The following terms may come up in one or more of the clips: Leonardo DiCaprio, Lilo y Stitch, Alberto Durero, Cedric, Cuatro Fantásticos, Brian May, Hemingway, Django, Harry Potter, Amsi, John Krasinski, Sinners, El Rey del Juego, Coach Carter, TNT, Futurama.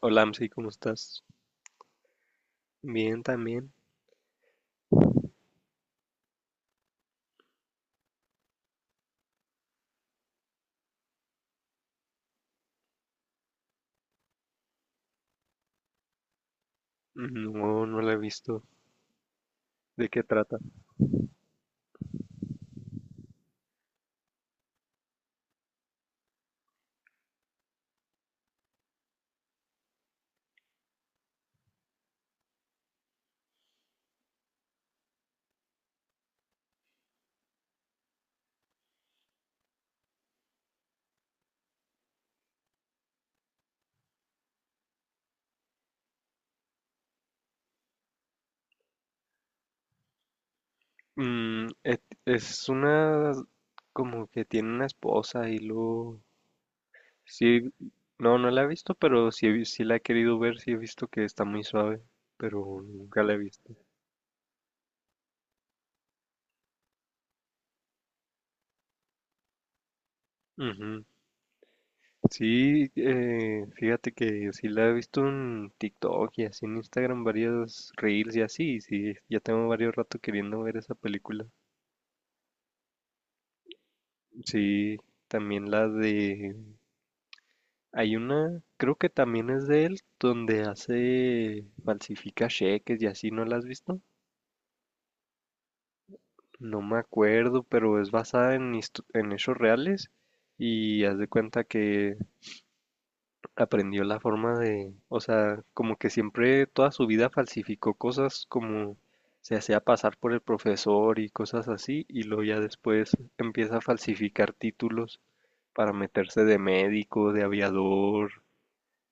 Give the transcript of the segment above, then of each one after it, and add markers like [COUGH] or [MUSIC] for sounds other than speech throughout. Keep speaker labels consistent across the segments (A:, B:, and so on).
A: Hola, Amsi, ¿cómo estás? Bien, también. No, no la he visto. ¿De qué trata? Es una... como que tiene una esposa y luego... Sí, no la he visto, pero sí, sí la he querido ver, sí he visto que está muy suave, pero nunca la he visto. Ujú. Sí, fíjate que sí la he visto en TikTok y así en Instagram, varios reels y así, y sí, ya tengo varios rato queriendo ver esa película. Sí, también la de hay una, creo que también es de él, donde hace, falsifica cheques y así, ¿no la has visto? No me acuerdo, pero es basada en, en hechos reales y haz de cuenta que aprendió la forma de, o sea, como que siempre toda su vida falsificó cosas como se hacía pasar por el profesor y cosas así y luego ya después empieza a falsificar títulos para meterse de médico, de aviador,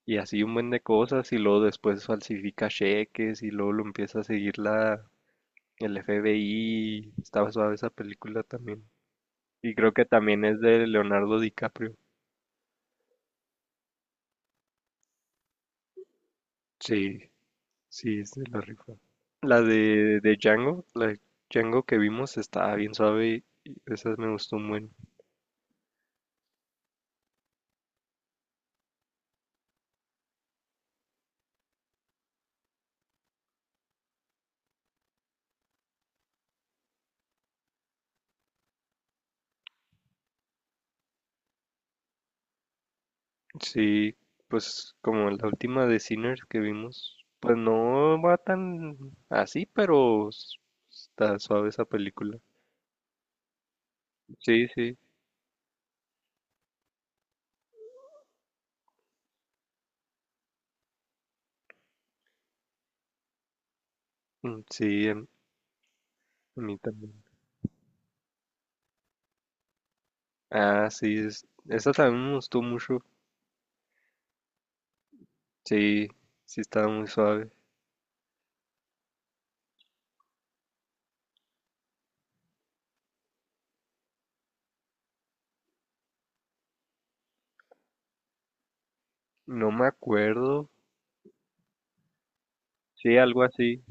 A: y así un buen de cosas y luego después falsifica cheques y luego lo empieza a seguir la el FBI. Estaba suave esa película también. Y creo que también es de Leonardo DiCaprio. Sí, sí, es de la rifa. La de Django, la de Django que vimos estaba bien suave y esa me gustó un buen. Sí, pues como la última de Sinners que vimos, pues no va tan así, está suave esa película. Sí, sí. Sí, a mí también. Ah, sí, esa también me gustó mucho. Sí, sí estaba muy suave. No me acuerdo. Sí, algo así.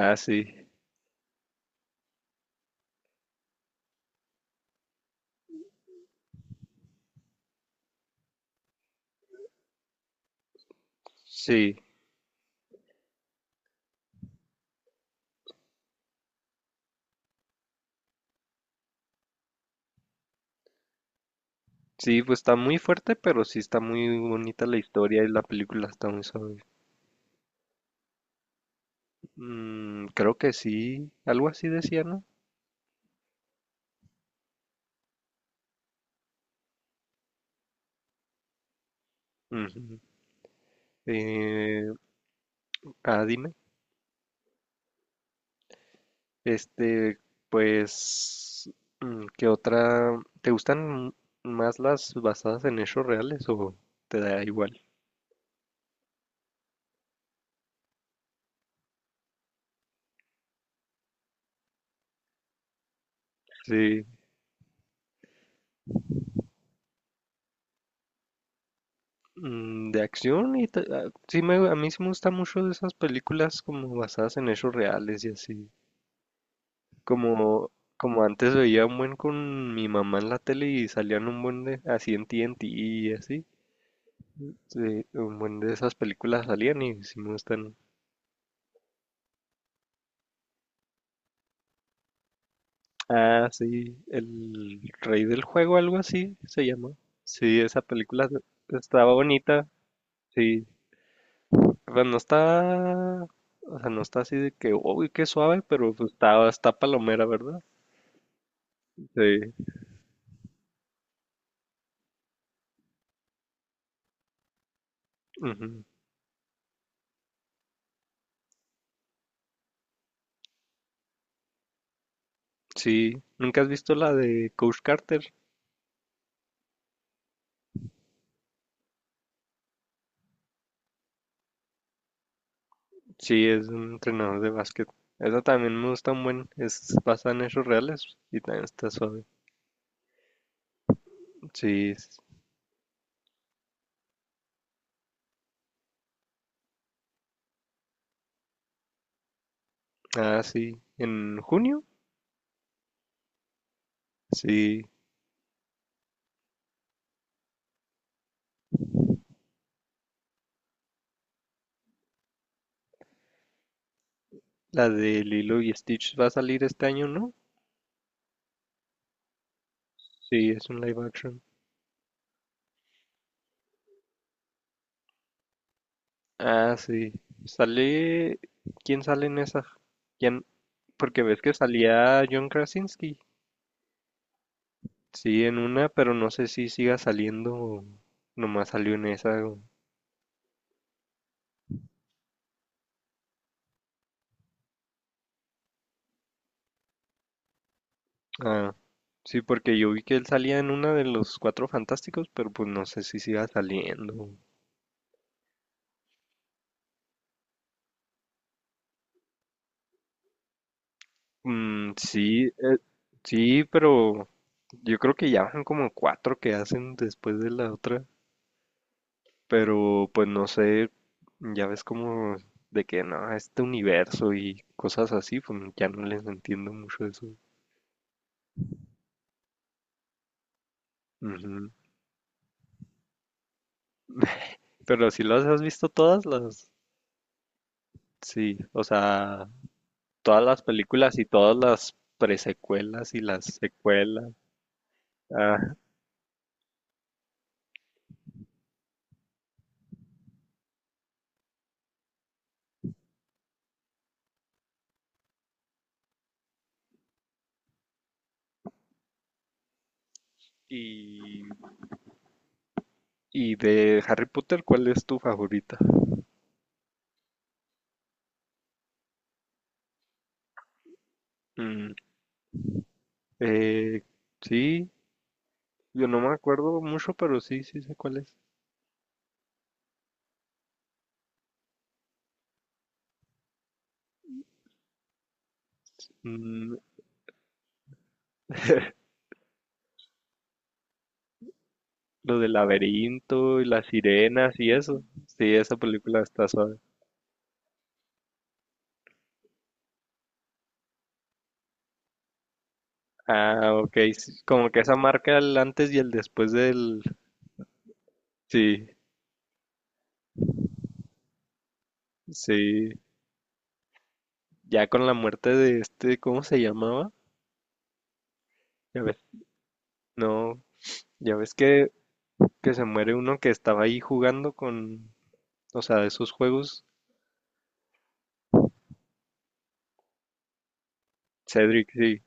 A: Ah, sí. Sí, sí, pues está muy fuerte, pero sí está muy bonita la historia y la película está muy suave. Mm, creo que sí, algo así decía, ¿no? Ujú. Eh, ah, dime. Este, pues, ¿qué otra? ¿Te gustan más las basadas en hechos reales o te da igual? Sí, de acción y sí me, a mí sí me gustan mucho de esas películas como basadas en hechos reales y así. Como, como antes veía un buen con mi mamá en la tele y salían un buen de así en TNT y así. Sí, un buen de esas películas salían y sí me gustan. Ah, sí, El Rey del Juego, algo así se llama. Sí, esa película estaba bonita. Sí, pero no está, o sea, no está así de que, uy, qué suave, pero pues está palomera, ¿verdad? Sí. Ujú. Sí, ¿nunca has visto la de Coach Carter? Sí, es un entrenador de básquet. Esa también me gusta un buen, es basada en hechos reales y también está suave. Sí, s- ah, sí, en junio. Sí, la de Lilo y Stitch va a salir este año, ¿no? Sí, es un live action. Ah, sí. Sale... ¿Quién sale en esa? ¿Quién? Porque ves que salía John Krasinski. Sí, en una, pero no sé si siga saliendo o nomás salió en esa. Ah, sí, porque yo vi que él salía en una de los Cuatro Fantásticos, pero pues no sé si siga saliendo. Mm, sí, eh, sí, pero yo creo que ya van como cuatro que hacen después de la otra. Pero pues no sé, ya ves como de que no, este universo y cosas así, pues ya no les entiendo mucho eso. Ujú. [LAUGHS] Pero si las has visto todas las, sí, o sea, todas las películas y todas las presecuelas y las secuelas. Ah, y, y de Harry Potter, ¿cuál es tu favorita? Mm, eh, sí, yo no me acuerdo mucho, pero sí, sí sé cuál es. Mm, lo del laberinto y las sirenas y eso. Sí, esa película está suave. Ah, ok, sí, como que esa marca el antes y el después del... Sí, sí. Ya con la muerte de este, ¿cómo se llamaba? Ya ves. No, ya ves que se muere uno que estaba ahí jugando con... O sea, de esos juegos. Cedric, sí.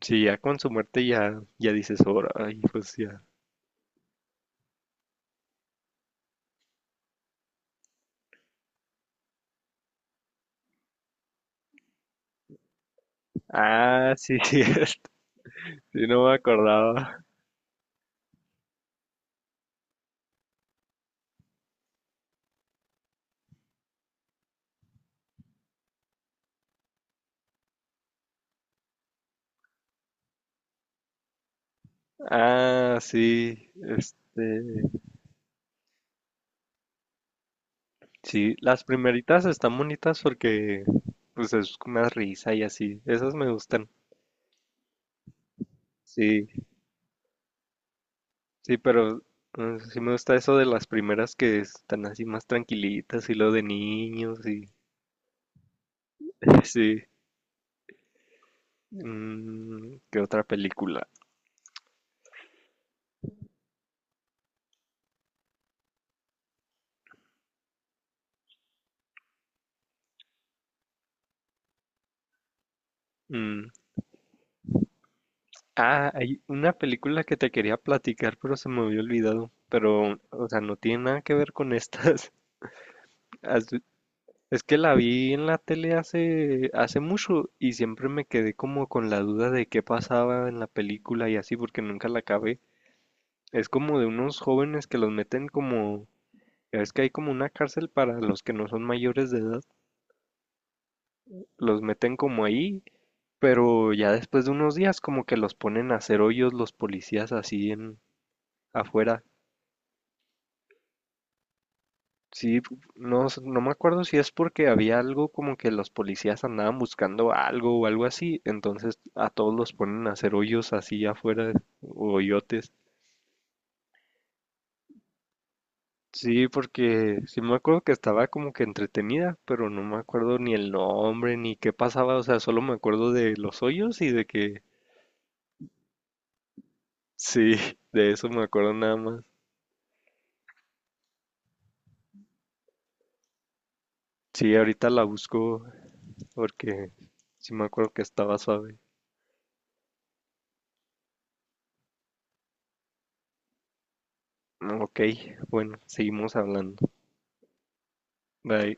A: Sí, ya con su muerte ya, ya dices, ahora, ay, pues ya. Ah, sí, [LAUGHS] sí, sí, no me acordaba. Ah, sí, este... Sí, las primeritas están bonitas porque pues es más risa y así. Esas me gustan. Sí, sí, pero sí me gusta eso de las primeras que están así más tranquilitas y lo de niños y sí. Mm, ¿qué otra película? Mm, ah, hay una película que te quería platicar, pero se me había olvidado. Pero, o sea, no tiene nada que ver con estas. [LAUGHS] ¿Has, es que la vi en la tele hace, hace mucho y siempre me quedé como con la duda de qué pasaba en la película y así porque nunca la acabé. Es como de unos jóvenes que los meten como, ya ves que hay como una cárcel para los que no son mayores de edad, los meten como ahí, pero ya después de unos días como que los ponen a hacer hoyos los policías así en afuera. No me acuerdo si es porque había algo como que los policías andaban buscando algo o algo así, entonces a todos los ponen a hacer hoyos así afuera, o hoyotes. Sí, porque sí me acuerdo que estaba como que entretenida, pero no me acuerdo ni el nombre ni qué pasaba, o sea, solo me acuerdo de los hoyos y de que sí, [LAUGHS] de eso me acuerdo nada más. Sí, ahorita la busco porque sí me acuerdo que estaba suave. Ok, bueno, seguimos hablando. Bye.